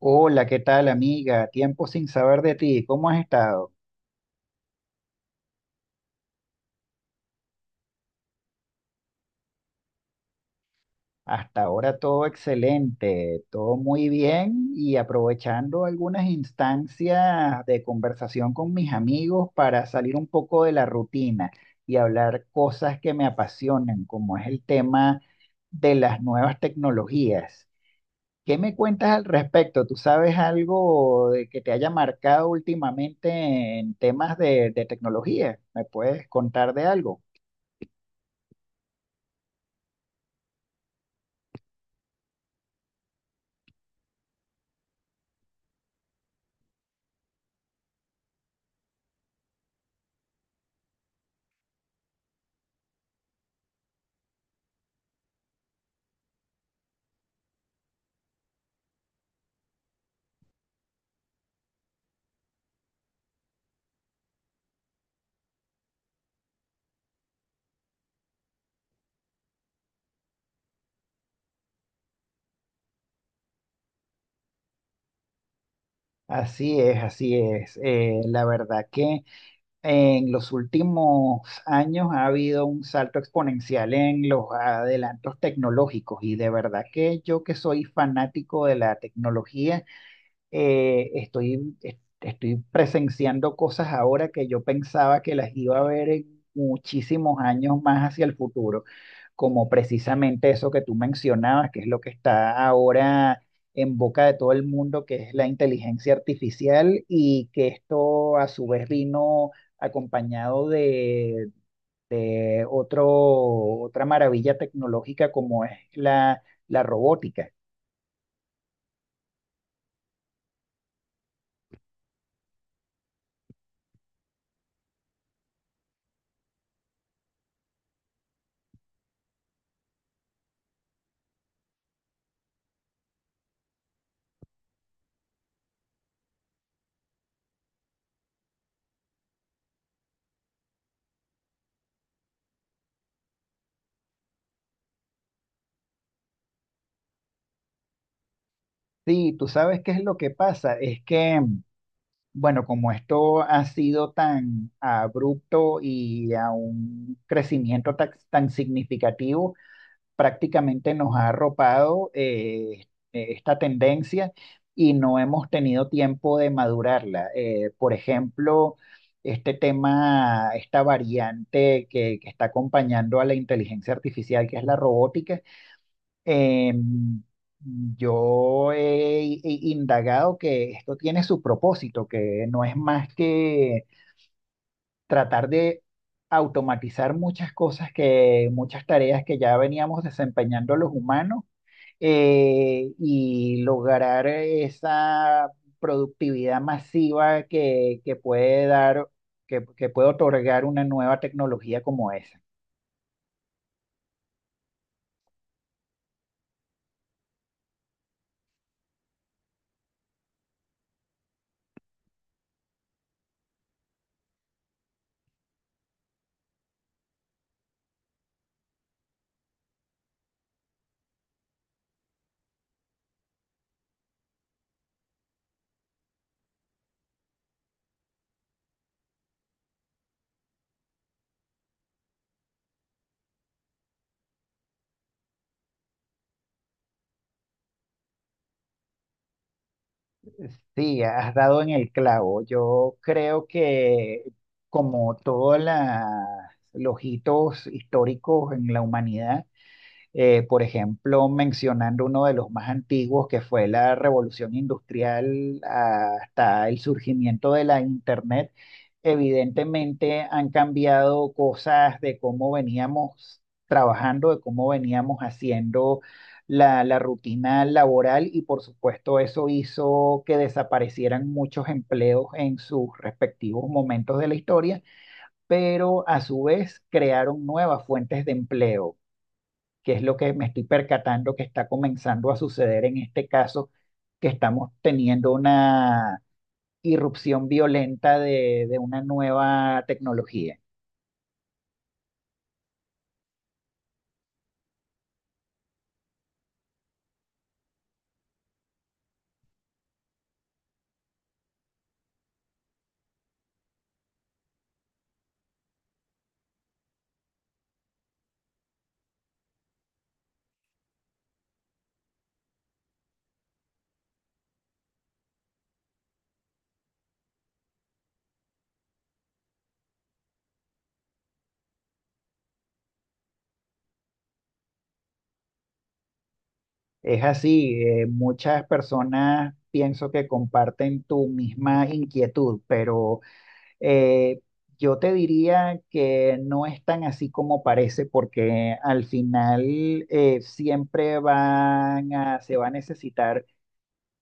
Hola, ¿qué tal, amiga? Tiempo sin saber de ti. ¿Cómo has estado? Hasta ahora todo excelente, todo muy bien y aprovechando algunas instancias de conversación con mis amigos para salir un poco de la rutina y hablar cosas que me apasionan, como es el tema de las nuevas tecnologías. ¿Qué me cuentas al respecto? ¿Tú sabes algo de que te haya marcado últimamente en temas de tecnología? ¿Me puedes contar de algo? Así es, así es. La verdad que en los últimos años ha habido un salto exponencial en los adelantos tecnológicos y de verdad que yo que soy fanático de la tecnología, estoy presenciando cosas ahora que yo pensaba que las iba a ver en muchísimos años más hacia el futuro, como precisamente eso que tú mencionabas, que es lo que está ahora en boca de todo el mundo, que es la inteligencia artificial y que esto a su vez vino acompañado de otra maravilla tecnológica como es la robótica. Sí, tú sabes qué es lo que pasa, es que bueno, como esto ha sido tan abrupto y a un crecimiento tan significativo, prácticamente nos ha arropado esta tendencia y no hemos tenido tiempo de madurarla. Por ejemplo, este tema, esta variante que está acompañando a la inteligencia artificial, que es la robótica, eh, yo he, i- indagado que esto tiene su propósito, que no es más que tratar de automatizar muchas cosas que, muchas tareas que ya veníamos desempeñando los humanos y lograr esa productividad masiva que puede otorgar una nueva tecnología como esa. Sí, has dado en el clavo. Yo creo que como todos los hitos históricos en la humanidad, por ejemplo, mencionando uno de los más antiguos, que fue la revolución industrial hasta el surgimiento de la Internet, evidentemente han cambiado cosas de cómo veníamos trabajando, de cómo veníamos haciendo la rutina laboral y por supuesto eso hizo que desaparecieran muchos empleos en sus respectivos momentos de la historia, pero a su vez crearon nuevas fuentes de empleo que es lo que me estoy percatando que está comenzando a suceder en este caso, que estamos teniendo una irrupción violenta de una nueva tecnología. Es así, muchas personas pienso que comparten tu misma inquietud, pero eh, yo te diría que no es tan así como parece, porque al final se va a necesitar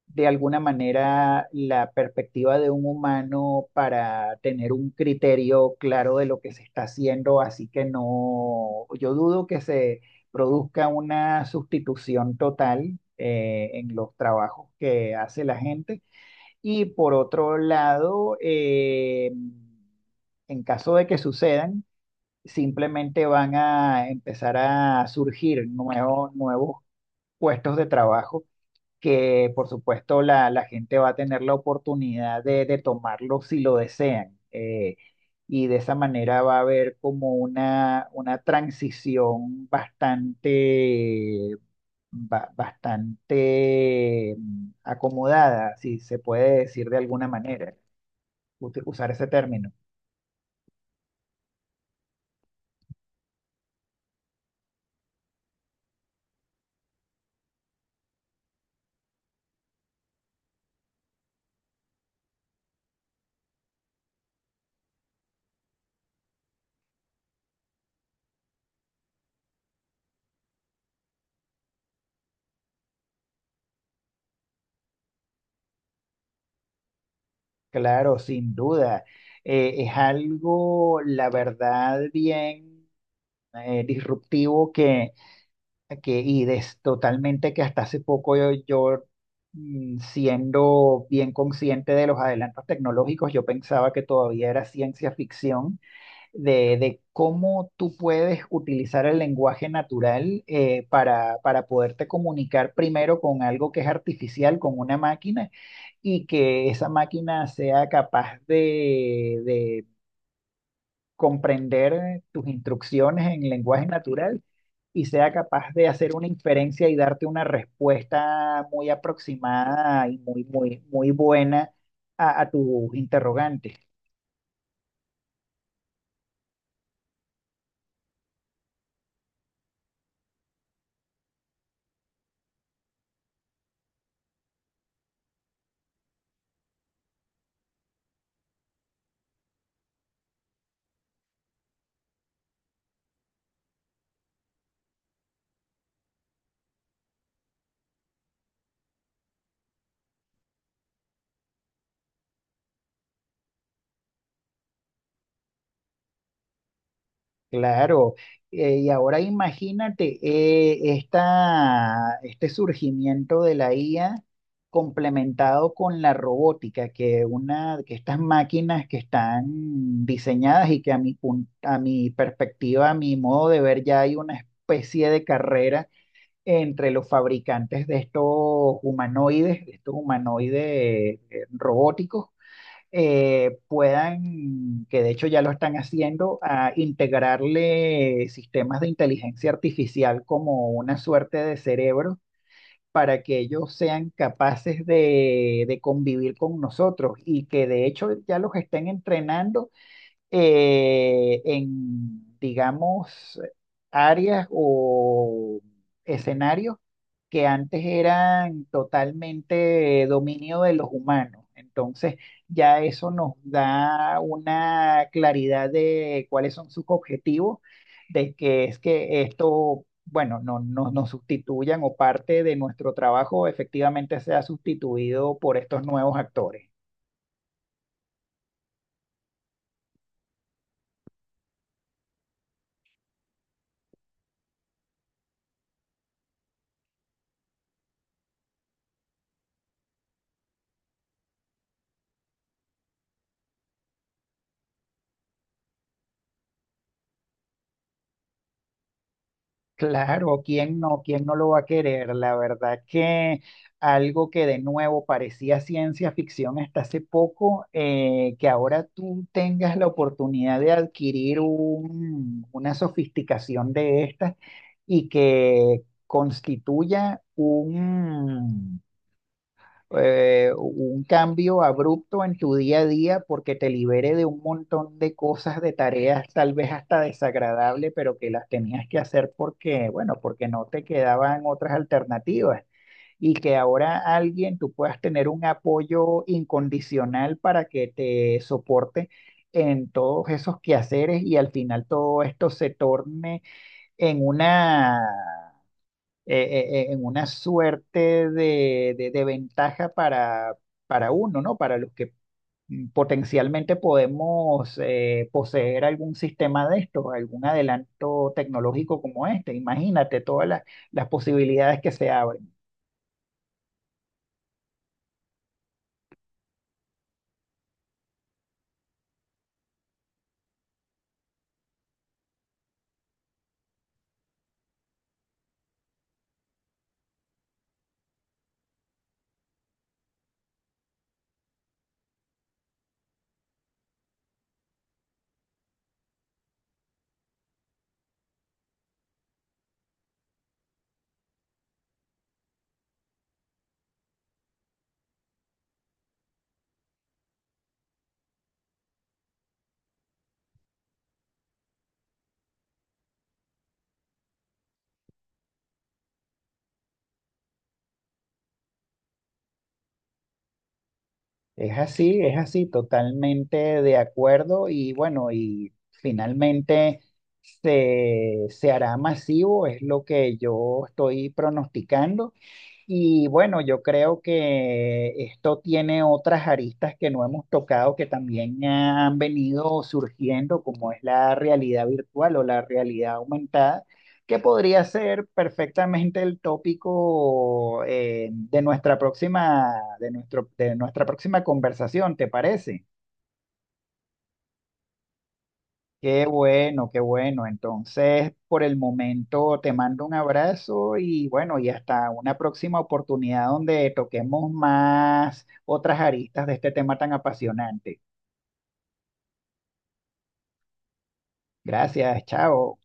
de alguna manera la perspectiva de un humano para tener un criterio claro de lo que se está haciendo, así que no, yo dudo que se produzca una sustitución total en los trabajos que hace la gente. Y por otro lado, en caso de que sucedan, simplemente van a empezar a surgir nuevos puestos de trabajo que por supuesto la gente va a tener la oportunidad de tomarlo si lo desean. Y de esa manera va a haber como una transición bastante, bastante acomodada, si se puede decir de alguna manera, usar ese término. Claro, sin duda. Es algo, la verdad, bien disruptivo que, totalmente que hasta hace poco yo, siendo bien consciente de los adelantos tecnológicos, yo pensaba que todavía era ciencia ficción, de cómo tú puedes utilizar el lenguaje natural para poderte comunicar primero con algo que es artificial, con una máquina, y que esa máquina sea capaz de comprender tus instrucciones en lenguaje natural y sea capaz de hacer una inferencia y darte una respuesta muy aproximada y muy buena a tus interrogantes. Claro, y ahora imagínate este surgimiento de la IA complementado con la robótica, que, una, que estas máquinas que están diseñadas y que a mi perspectiva, a mi modo de ver, ya hay una especie de carrera entre los fabricantes de estos humanoides robóticos que de hecho ya lo están haciendo, a integrarle sistemas de inteligencia artificial como una suerte de cerebro para que ellos sean capaces de convivir con nosotros y que de hecho ya los estén entrenando en, digamos, áreas o escenarios que antes eran totalmente dominio de los humanos. Entonces, ya eso nos da una claridad de cuáles son sus objetivos, de que es que esto, bueno, nos sustituyan o parte de nuestro trabajo efectivamente sea sustituido por estos nuevos actores. Claro, ¿quién no? ¿Quién no lo va a querer? La verdad que algo que de nuevo parecía ciencia ficción hasta hace poco, que ahora tú tengas la oportunidad de adquirir una sofisticación de estas y que constituya un cambio abrupto en tu día a día porque te libere de un montón de cosas, de tareas, tal vez hasta desagradable, pero que las tenías que hacer porque, bueno, porque no te quedaban otras alternativas. Y que ahora alguien, tú puedas tener un apoyo incondicional para que te soporte en todos esos quehaceres y al final todo esto se torne en una en una suerte de ventaja para uno, ¿no? Para los que potencialmente podemos poseer algún sistema de estos, algún adelanto tecnológico como este. Imagínate todas las posibilidades que se abren. Es así, totalmente de acuerdo y bueno, y finalmente se hará masivo, es lo que yo estoy pronosticando. Y bueno, yo creo que esto tiene otras aristas que no hemos tocado que también han venido surgiendo, como es la realidad virtual o la realidad aumentada que podría ser perfectamente el tópico de nuestra próxima conversación, ¿te parece? Qué bueno, qué bueno. Entonces, por el momento te mando un abrazo y bueno, y hasta una próxima oportunidad donde toquemos más otras aristas de este tema tan apasionante. Gracias, chao.